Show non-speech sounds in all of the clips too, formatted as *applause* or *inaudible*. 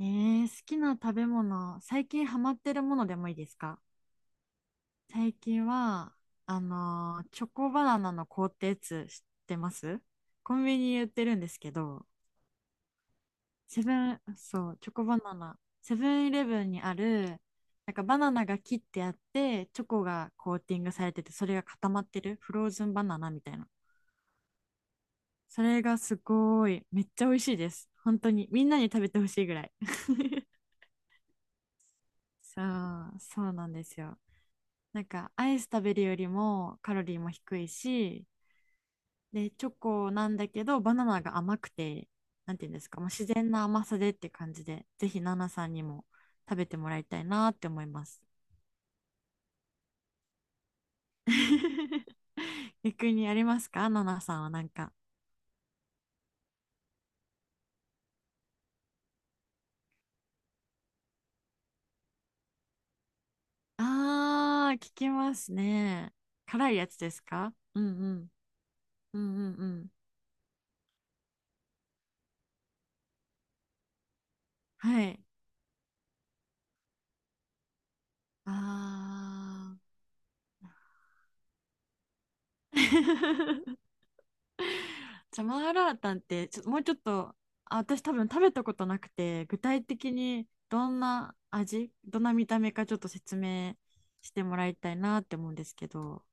好きな食べ物、最近ハマってるものでもいいですか？最近は、チョコバナナの凍ったやつ知ってます？コンビニに売ってるんですけど、セブン、そう、チョコバナナ、セブンイレブンにある、なんかバナナが切ってあって、チョコがコーティングされてて、それが固まってる、フローズンバナナみたいな。それがすごい、めっちゃ美味しいです。本当に、みんなに食べてほしいぐらい。*laughs* そう、そうなんですよ。なんかアイス食べるよりもカロリーも低いし、で、チョコなんだけど、バナナが甘くて、なんていうんですか、もう自然な甘さでって感じで、ぜひナナさんにも食べてもらいたいなって思います。*laughs* 逆にありますか？ナナさんはなんか。あー、聞きますね。辛いやつですか？うんうん。うんうんうん。はい。あー。*laughs* じゃあマーラータンってもうちょっと、私多分食べたことなくて、具体的にどんな味、どんな見た目かちょっと説明してもらいたいなって思うんですけど。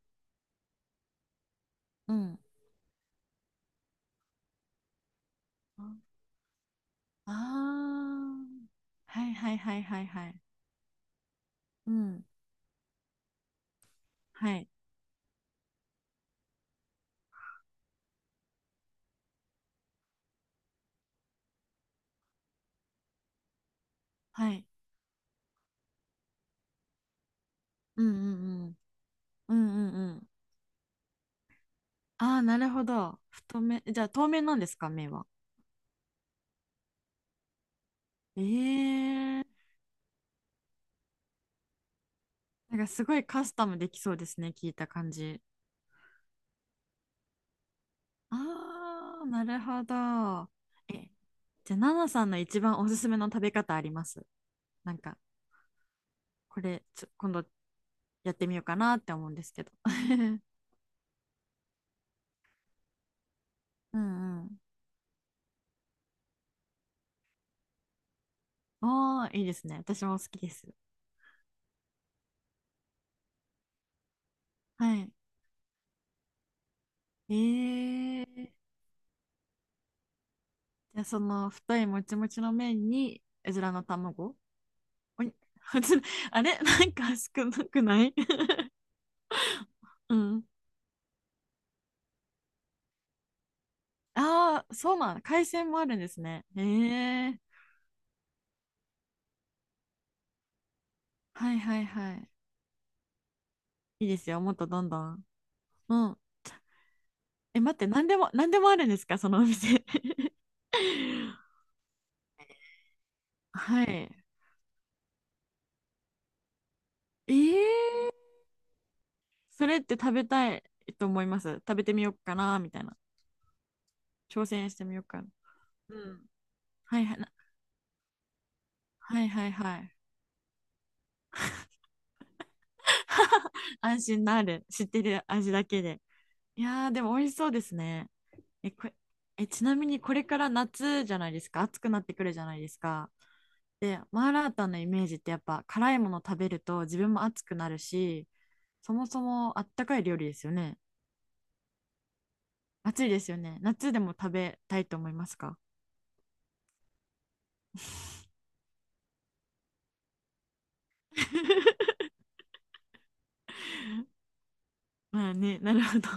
うん。ああー。はいはいはいはいはい。うん。はいはい。うんうんうんうん。うんうん。ああ、なるほど、太めじゃあ透明なんですか、麺は？ええー、なんかすごいカスタムできそうですね、聞いた感じ。ああ、なるほど。え、じゃあ、ナナさんの一番おすすめの食べ方あります？なんか、これ、今度やってみようかなって思うんですけど。*laughs* うんうん。おー、いいですね。私も好きです。はい。えー、じゃあ、その太いもちもちの麺に、うずらの卵おに *laughs* うずら *laughs* あれなんか少なくない？ *laughs* うん。*laughs* ああ、そうなん。海鮮もあるんですね。ええー、はいはいはい。いいですよ。もっとどんどん。うん。え、待って、何でも、*laughs* 何でもあるんですか、そのお店。*laughs* はい。えー、それって食べたいと思います。食べてみようかな、みたいな。挑戦してみようかな。うん。はいはい、はいはいはい。安心なる。知ってる味だけで。いやー、でも美味しそうですね。え、これ、え、ちなみにこれから夏じゃないですか。暑くなってくるじゃないですか。で、マーラータンのイメージってやっぱ辛いもの食べると自分も暑くなるし、そもそもあったかい料理ですよね。暑いですよね。夏でも食べたいと思いますか？ *laughs* まあね、なるほど。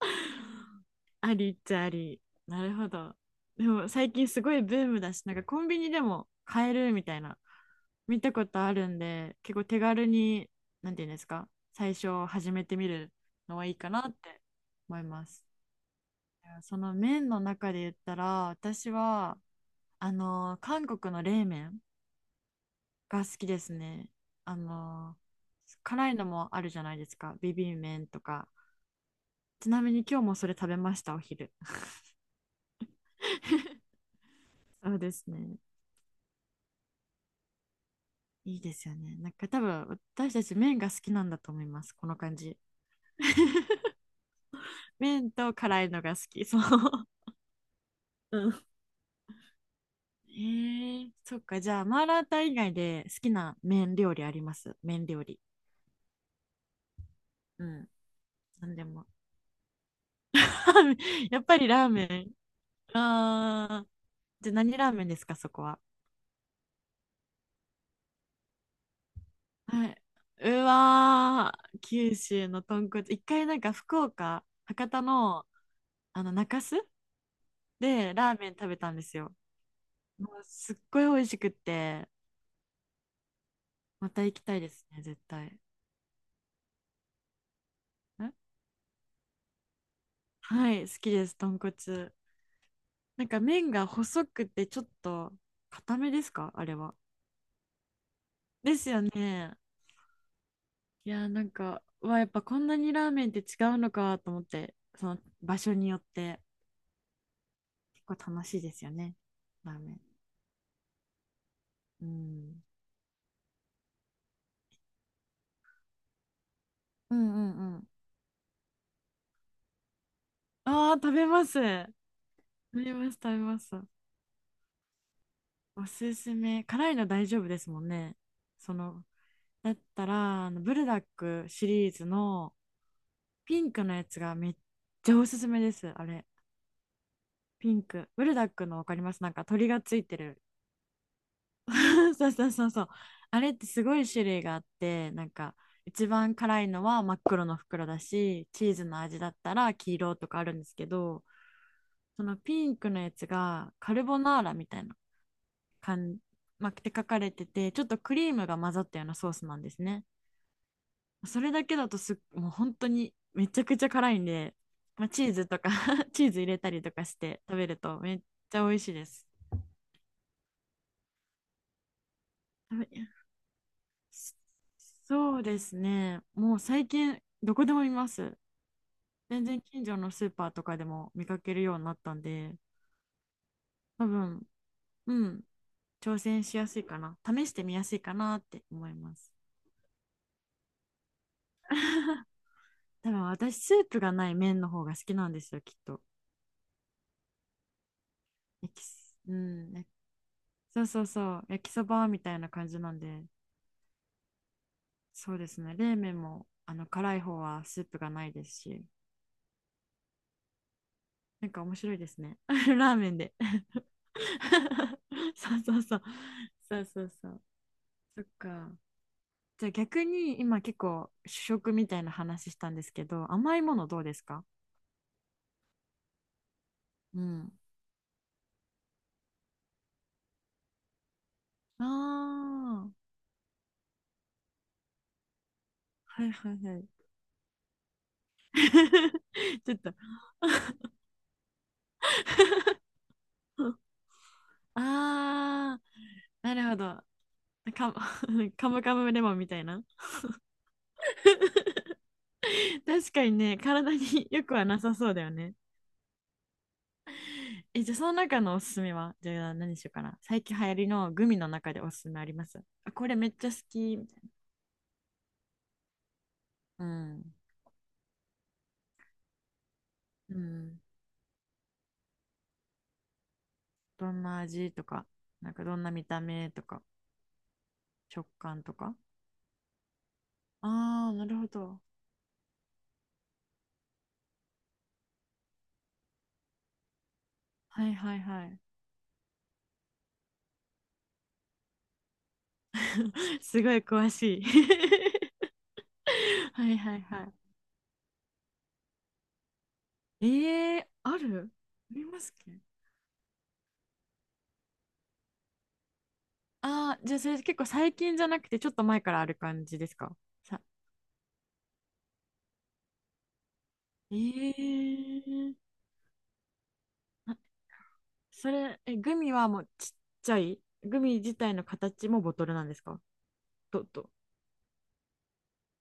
*laughs* ありっちゃあり。なるほど。でも最近すごいブームだし、なんかコンビニでも買えるみたいな、見たことあるんで、結構手軽に、なんていうんですか、最初始めてみるのはいいかなって思います。その麺の中で言ったら私は、あの、韓国の冷麺が好きですね。あの、辛いのもあるじゃないですか、ビビン麺とか。ちなみに今日もそれ食べました、お昼。 *laughs* そうですね。いいですよね、なんか多分私たち麺が好きなんだと思います、この感じ。麺と辛いのが好きそう。うん。そっか。じゃあマーラータン以外で好きな麺料理あります？麺料理。うん。何でも。ラーメン。 *laughs* やっぱりラーメン。ああ。じゃあ何ラーメンですか、そこは。はい。うわー、九州の豚骨。一回なんか福岡、博多の、あの中洲でラーメン食べたんですよ。もうすっごい美味しくって、また行きたいですね、絶対。んはい、好きです、豚骨。なんか麺が細くてちょっと固めですか、あれは。ですよね。いやー、なんかうわ、やっぱこんなにラーメンって違うのかと思って、その場所によって結構楽しいですよね、ラーメン。うんうんうんうん。ああー、食べます、食べます、食べます。おすすめ、辛いの大丈夫ですもんね。そのだったら、あのブルダックシリーズのピンクのやつがめっちゃおすすめです。あれ、ピンクブルダックのわかります？なんか鳥がついてる。 *laughs* そうそうそうそうそう。あれってすごい種類があって、なんか一番辛いのは真っ黒の袋だし、チーズの味だったら黄色とかあるんですけど、そのピンクのやつがカルボナーラみたいな感じ、まあって書かれてて、ちょっとクリームが混ざったようなソースなんですね。それだけだともう本当にめちゃくちゃ辛いんで、まあ、チーズとか *laughs* チーズ入れたりとかして食べるとめっちゃ美味しいです。食べそうですね。もう最近、どこでも見ます。全然近所のスーパーとかでも見かけるようになったんで、多分、うん、挑戦しやすいかな。試してみやすいかなって思います。多分私、スープがない麺の方が好きなんですよ、きっと。焼きす、うん、そうそうそう、焼きそばみたいな感じなんで、そうですね。冷麺も、あの、辛い方はスープがないですし、なんか面白いですね。*laughs* ラーメンで *laughs* そうそうそう。そうそうそう。そっか。じゃあ逆に今結構主食みたいな話したんですけど、甘いものどうですか？うん。ああ、はいはいはい。*laughs* ちょっと、ああ、なるほど。か、*laughs* カムカムレモンみたいな。確かにね、体によくはなさそうだよね。え、じゃあその中のおすすめは、じゃあ何にしようかな。最近流行りのグミの中でおすすめあります？あ、これめっちゃ好き。うん。うん。どんな味とか、なんかどんな見た目とか、食感とか。ああ、なるほど。はいはいはい。*laughs* すごい詳しい。*laughs* はいはいはい。ありますっけ？ああー、じゃあそれ結構最近じゃなくてちょっと前からある感じですか？さ、えー、あそれ、グミはもうちっちゃい、グミ自体の形もボトルなんですか？と。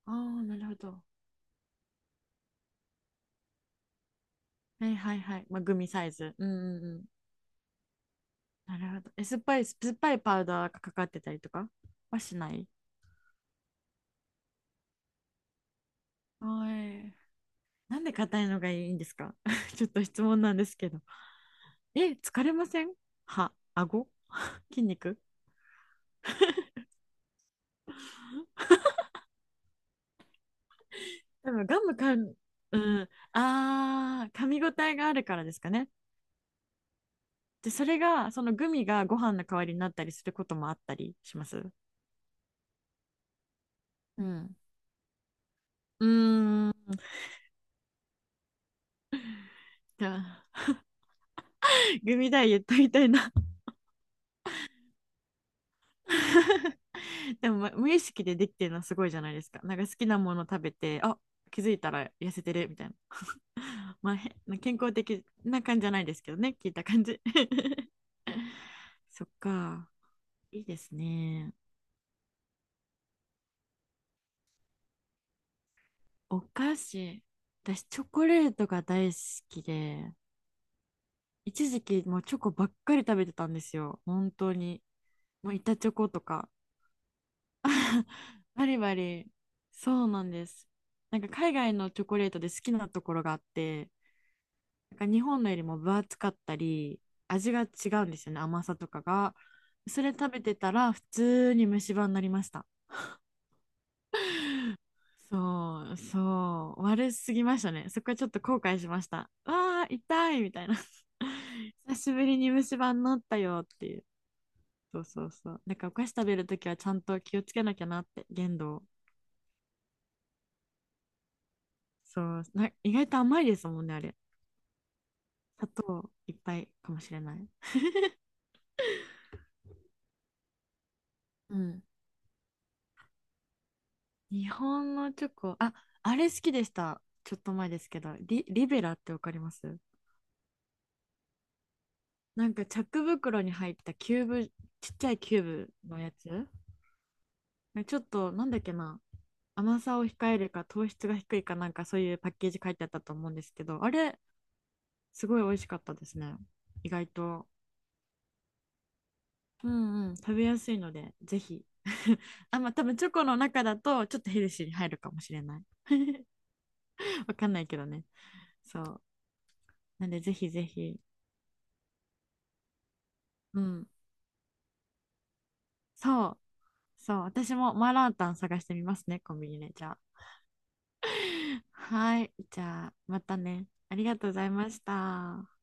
ああ、なるほど。はいはいはい。まあ、グミサイズ。うんうんうん。なるほど。え、酸っぱいパウダーがかかってたりとかはしない？はい。なんで硬いのがいいんですか？ *laughs* ちょっと質問なんですけど。え、疲れません？歯、顎、筋肉。多分ガムかん、うん、噛み応えがあるからですかね。で、それが、そのグミがご飯の代わりになったりすることもあったりします？うん。うーん。じゃあグミダイエットみたいな。 *laughs* でも、無意識でできてるのはすごいじゃないですか。なんか好きなもの食べて、あ、気づいたら痩せてるみたいな。*laughs* まあ、健康的な感じじゃないですけどね、聞いた感じ。*laughs* そっか、いいですね。お菓子、私、チョコレートが大好きで、一時期もうチョコばっかり食べてたんですよ、本当に。もう板チョコとか。*laughs* バリバリ、そうなんです。なんか海外のチョコレートで好きなところがあって、なんか日本のよりも分厚かったり、味が違うんですよね、甘さとかが。それ食べてたら、普通に虫歯になりました。そう、そう、悪すぎましたね。そこはちょっと後悔しました。わあ、痛いみたいな。*laughs* 久しぶりに虫歯になったよっていう。そうそうそう。なんかお菓子食べるときはちゃんと気をつけなきゃなって、限度を。そう、意外と甘いですもんね、あれ。砂糖いっぱいかもしれない。うん。日本のチョコ、あ、あれ好きでした。ちょっと前ですけど、リベラってわかります？なんかチャック袋に入ったキューブ、ちっちゃいキューブのやつ。ねちょっと、なんだっけな、甘さを控えるか糖質が低いかなんかそういうパッケージ書いてあったと思うんですけど、あれ、すごい美味しかったですね。意外と。うんうん、食べやすいので、ぜひ。*laughs* あ、まあ多分チョコの中だとちょっとヘルシーに入るかもしれない。*laughs* わかんないけどね。そう。なんで、ぜひぜひ。うん。そう。そう、私もマーラータン探してみますね、コンビニで。じゃあ。はい。じゃあ、またね。ありがとうございました。